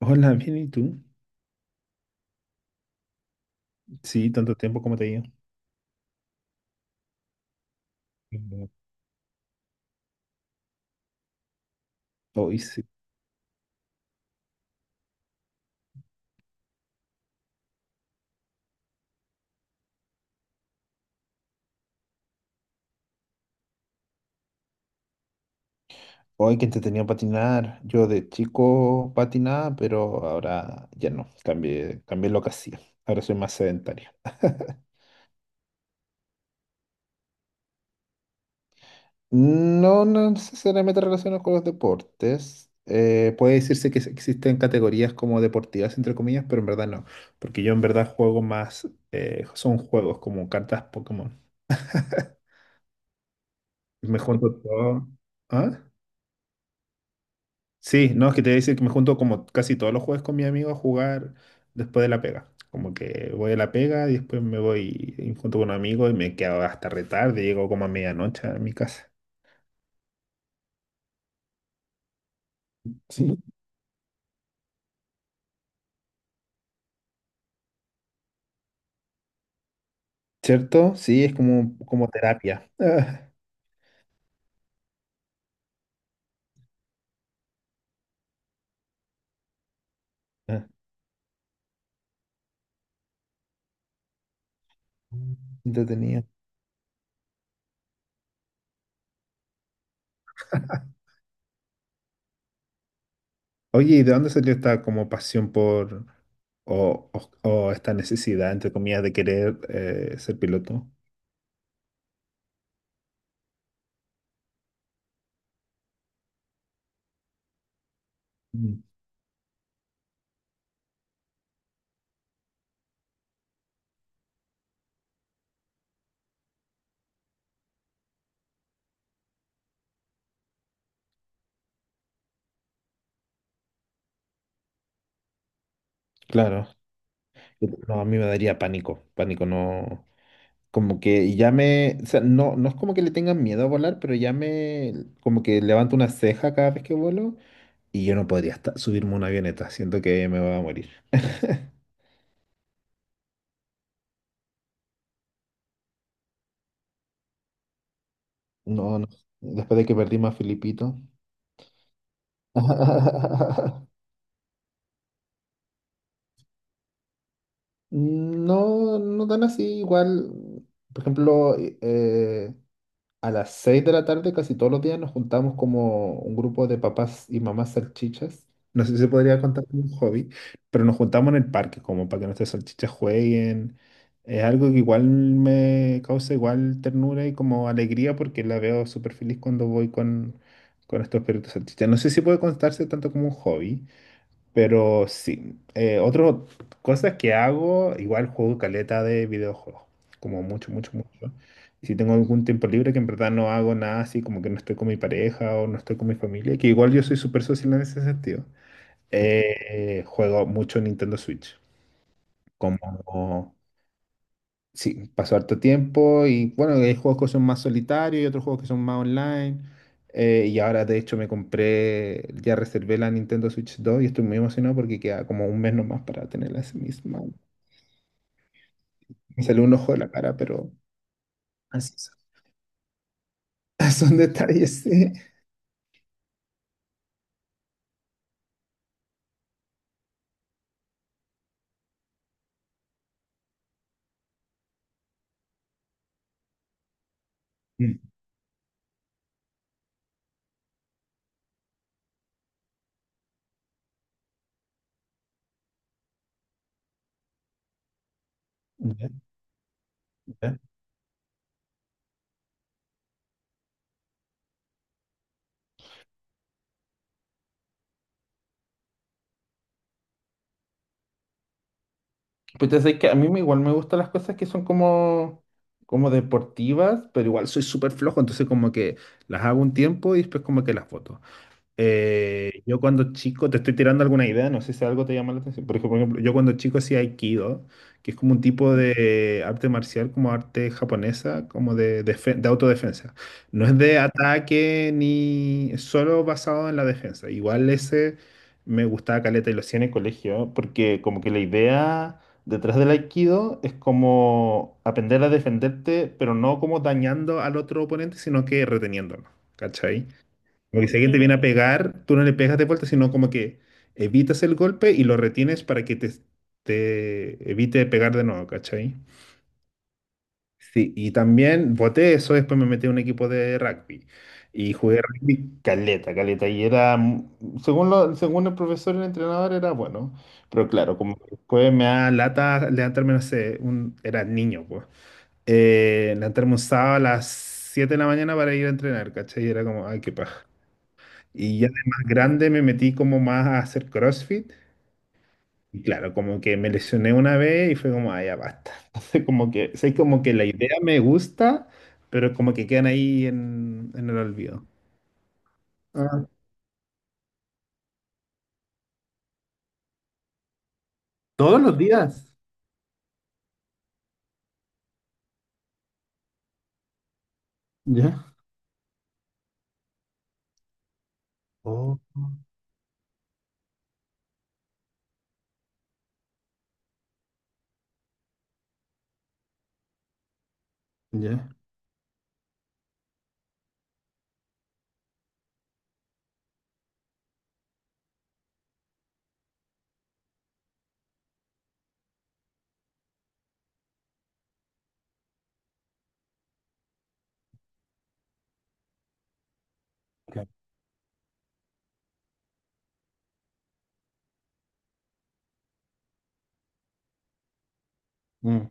Hola, bien, ¿y tú? Sí, tanto tiempo como te digo. Mm. Hoy sí. Hoy que entretenido patinar. Yo de chico patinaba, pero ahora ya no. Cambié lo que hacía. Ahora soy más sedentario. No, no necesariamente relacionado con los deportes. Puede decirse que existen categorías como deportivas, entre comillas, pero en verdad no. Porque yo en verdad juego más, son juegos como cartas Pokémon. Me junto todo. ¿Ah? Sí, no, es que te voy a decir que me junto como casi todos los jueves con mi amigo a jugar después de la pega. Como que voy a la pega y después me voy y junto con un amigo y me quedo hasta retarde, llego como a medianoche a mi casa. Sí. ¿Cierto? Sí, es como, como terapia. Ah, ah, entretenido. Oye, ¿y de dónde salió esta como pasión por o esta necesidad, entre comillas, de querer ser piloto? Mm. Claro. No, a mí me daría pánico. Pánico no. Como que ya me, o sea, no, no es como que le tengan miedo a volar, pero ya me, como que levanto una ceja cada vez que vuelo y yo no podría hasta subirme a una avioneta, siento que me voy a morir. No, no, después de que perdimos a Filipito. No, no tan así, igual, por ejemplo, eh, a las 6 de la tarde casi todos los días nos juntamos como un grupo de papás y mamás salchichas. No sé si se podría contar como un hobby, pero nos juntamos en el parque como para que nuestras salchichas jueguen. Es algo que igual me causa igual ternura y como alegría porque la veo súper feliz cuando voy con estos perritos salchichas. No sé si puede contarse tanto como un hobby, pero sí, otras cosas que hago, igual juego caleta de videojuegos, como mucho. Y si tengo algún tiempo libre, que en verdad no hago nada así, como que no estoy con mi pareja o no estoy con mi familia, que igual yo soy súper social en ese sentido, juego mucho Nintendo Switch, como. Sí, pasó harto tiempo y bueno, hay juegos que son más solitarios y otros juegos que son más online. Y ahora de hecho me compré, ya reservé la Nintendo Switch 2 y estoy muy emocionado porque queda como un mes nomás para tenerla así misma. Me salió un ojo de la cara, pero así son, son detalles, sí. Mm, ya, ya. Pues ya sabes que a mí me- igual me gustan las cosas que son como, como deportivas, pero igual soy súper flojo, entonces como que las hago un tiempo y después como que las boto. Yo cuando chico, te estoy tirando alguna idea, no sé si algo te llama la atención. Yo cuando chico hacía Aikido, que es como un tipo de arte marcial, como arte japonesa, como de, de autodefensa. No es de ataque ni es solo basado en la defensa. Igual ese me gustaba caleta y lo hacía en el colegio, porque como que la idea detrás del Aikido es como aprender a defenderte, pero no como dañando al otro oponente, sino que reteniéndolo. ¿Cachai? Como que si alguien te viene a pegar, tú no le pegas de vuelta, sino como que evitas el golpe y lo retienes para que te evite pegar de nuevo, ¿cachai? Sí, y también voté eso, después me metí a un equipo de rugby y jugué rugby caleta, y era, según, según el profesor y el entrenador, era bueno, pero claro, como que después me da lata levantarme, no sé, un, era niño, pues, levantarme un sábado a las 7 de la mañana para ir a entrenar, ¿cachai? Y era como, ay, qué paja. Y ya de más grande me metí como más a hacer CrossFit. Y claro, como que me lesioné una vez y fue como, ah, ya basta. Entonces, como que, sé como que la idea me gusta, pero como que quedan ahí en el olvido. Ah, todos los días. Ya. Oh, ya, claro. Mm.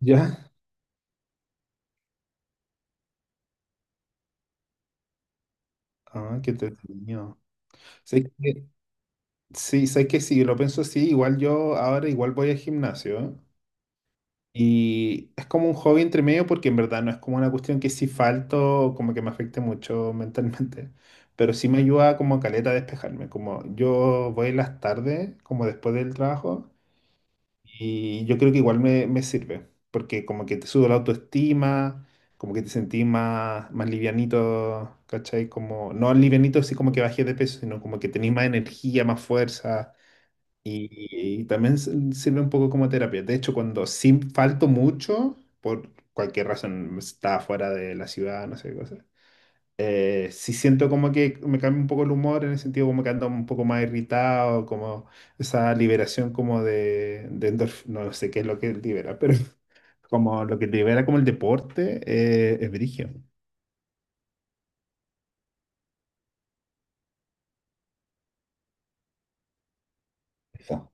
Ya. Ah, qué entretenido. Sé que, sí, sé que si lo pienso así, igual yo ahora igual voy al gimnasio, ¿eh? Y es como un hobby entre medio porque en verdad no es como una cuestión que si falto como que me afecte mucho mentalmente, pero sí me ayuda como caleta a despejarme, como yo voy en las tardes, como después del trabajo, y yo creo que igual me, me sirve, porque como que te sube la autoestima, como que te sentís más, más livianito, ¿cachai? Como, no livianito así como que bajé de peso, sino como que tenés más energía, más fuerza y también sirve un poco como terapia. De hecho, cuando sí falto mucho, por cualquier razón, está fuera de la ciudad, no sé qué cosa, sí siento como que me cambia un poco el humor, en el sentido como que ando un poco más irritado, como esa liberación como de no sé qué es lo que libera, pero como lo que libera como el deporte, es brigio. Eso.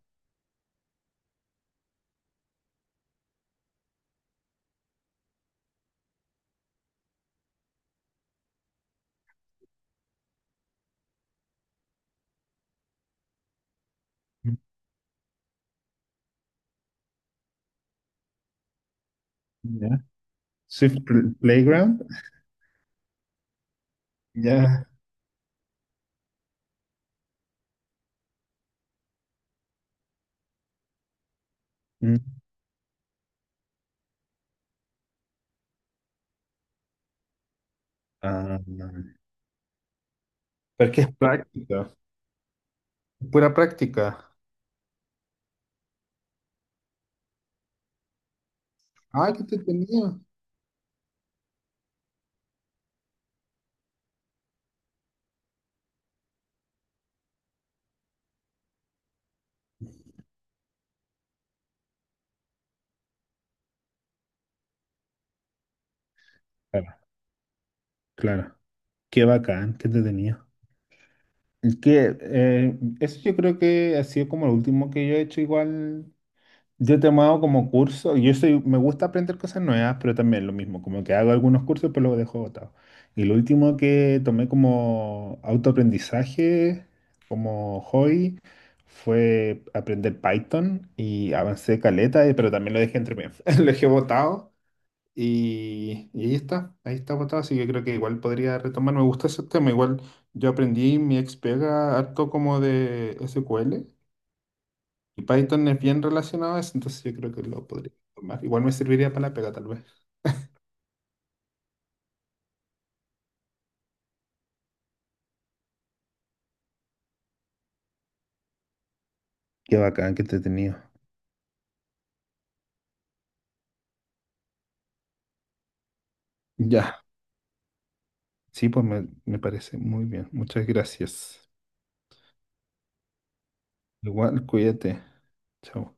Ya. Swift Playground. Ya. Mm. Ah, pero es que es práctico. Pura práctica. Ah, qué te tenía. Claro, claro. Qué bacán, qué entretenido. Y que, eso yo creo que ha sido como lo último que yo he hecho igual. Yo he tomado como curso, yo soy, me gusta aprender cosas nuevas, pero también lo mismo, como que hago algunos cursos, pero los dejo botados. Y lo último que tomé como autoaprendizaje, como hobby, fue aprender Python y avancé caleta, pero también lo dejé entre medio, lo dejé botado. Y ahí está botado, así que creo que igual podría retomar. Me gusta ese tema, igual yo aprendí mi ex pega harto como de SQL y Python es bien relacionado a eso, entonces yo creo que lo podría tomar. Igual me serviría para la pega, tal vez. Qué bacán, qué entretenido. Ya, sí, pues me parece muy bien. Muchas gracias. Igual, cuídate. Chao.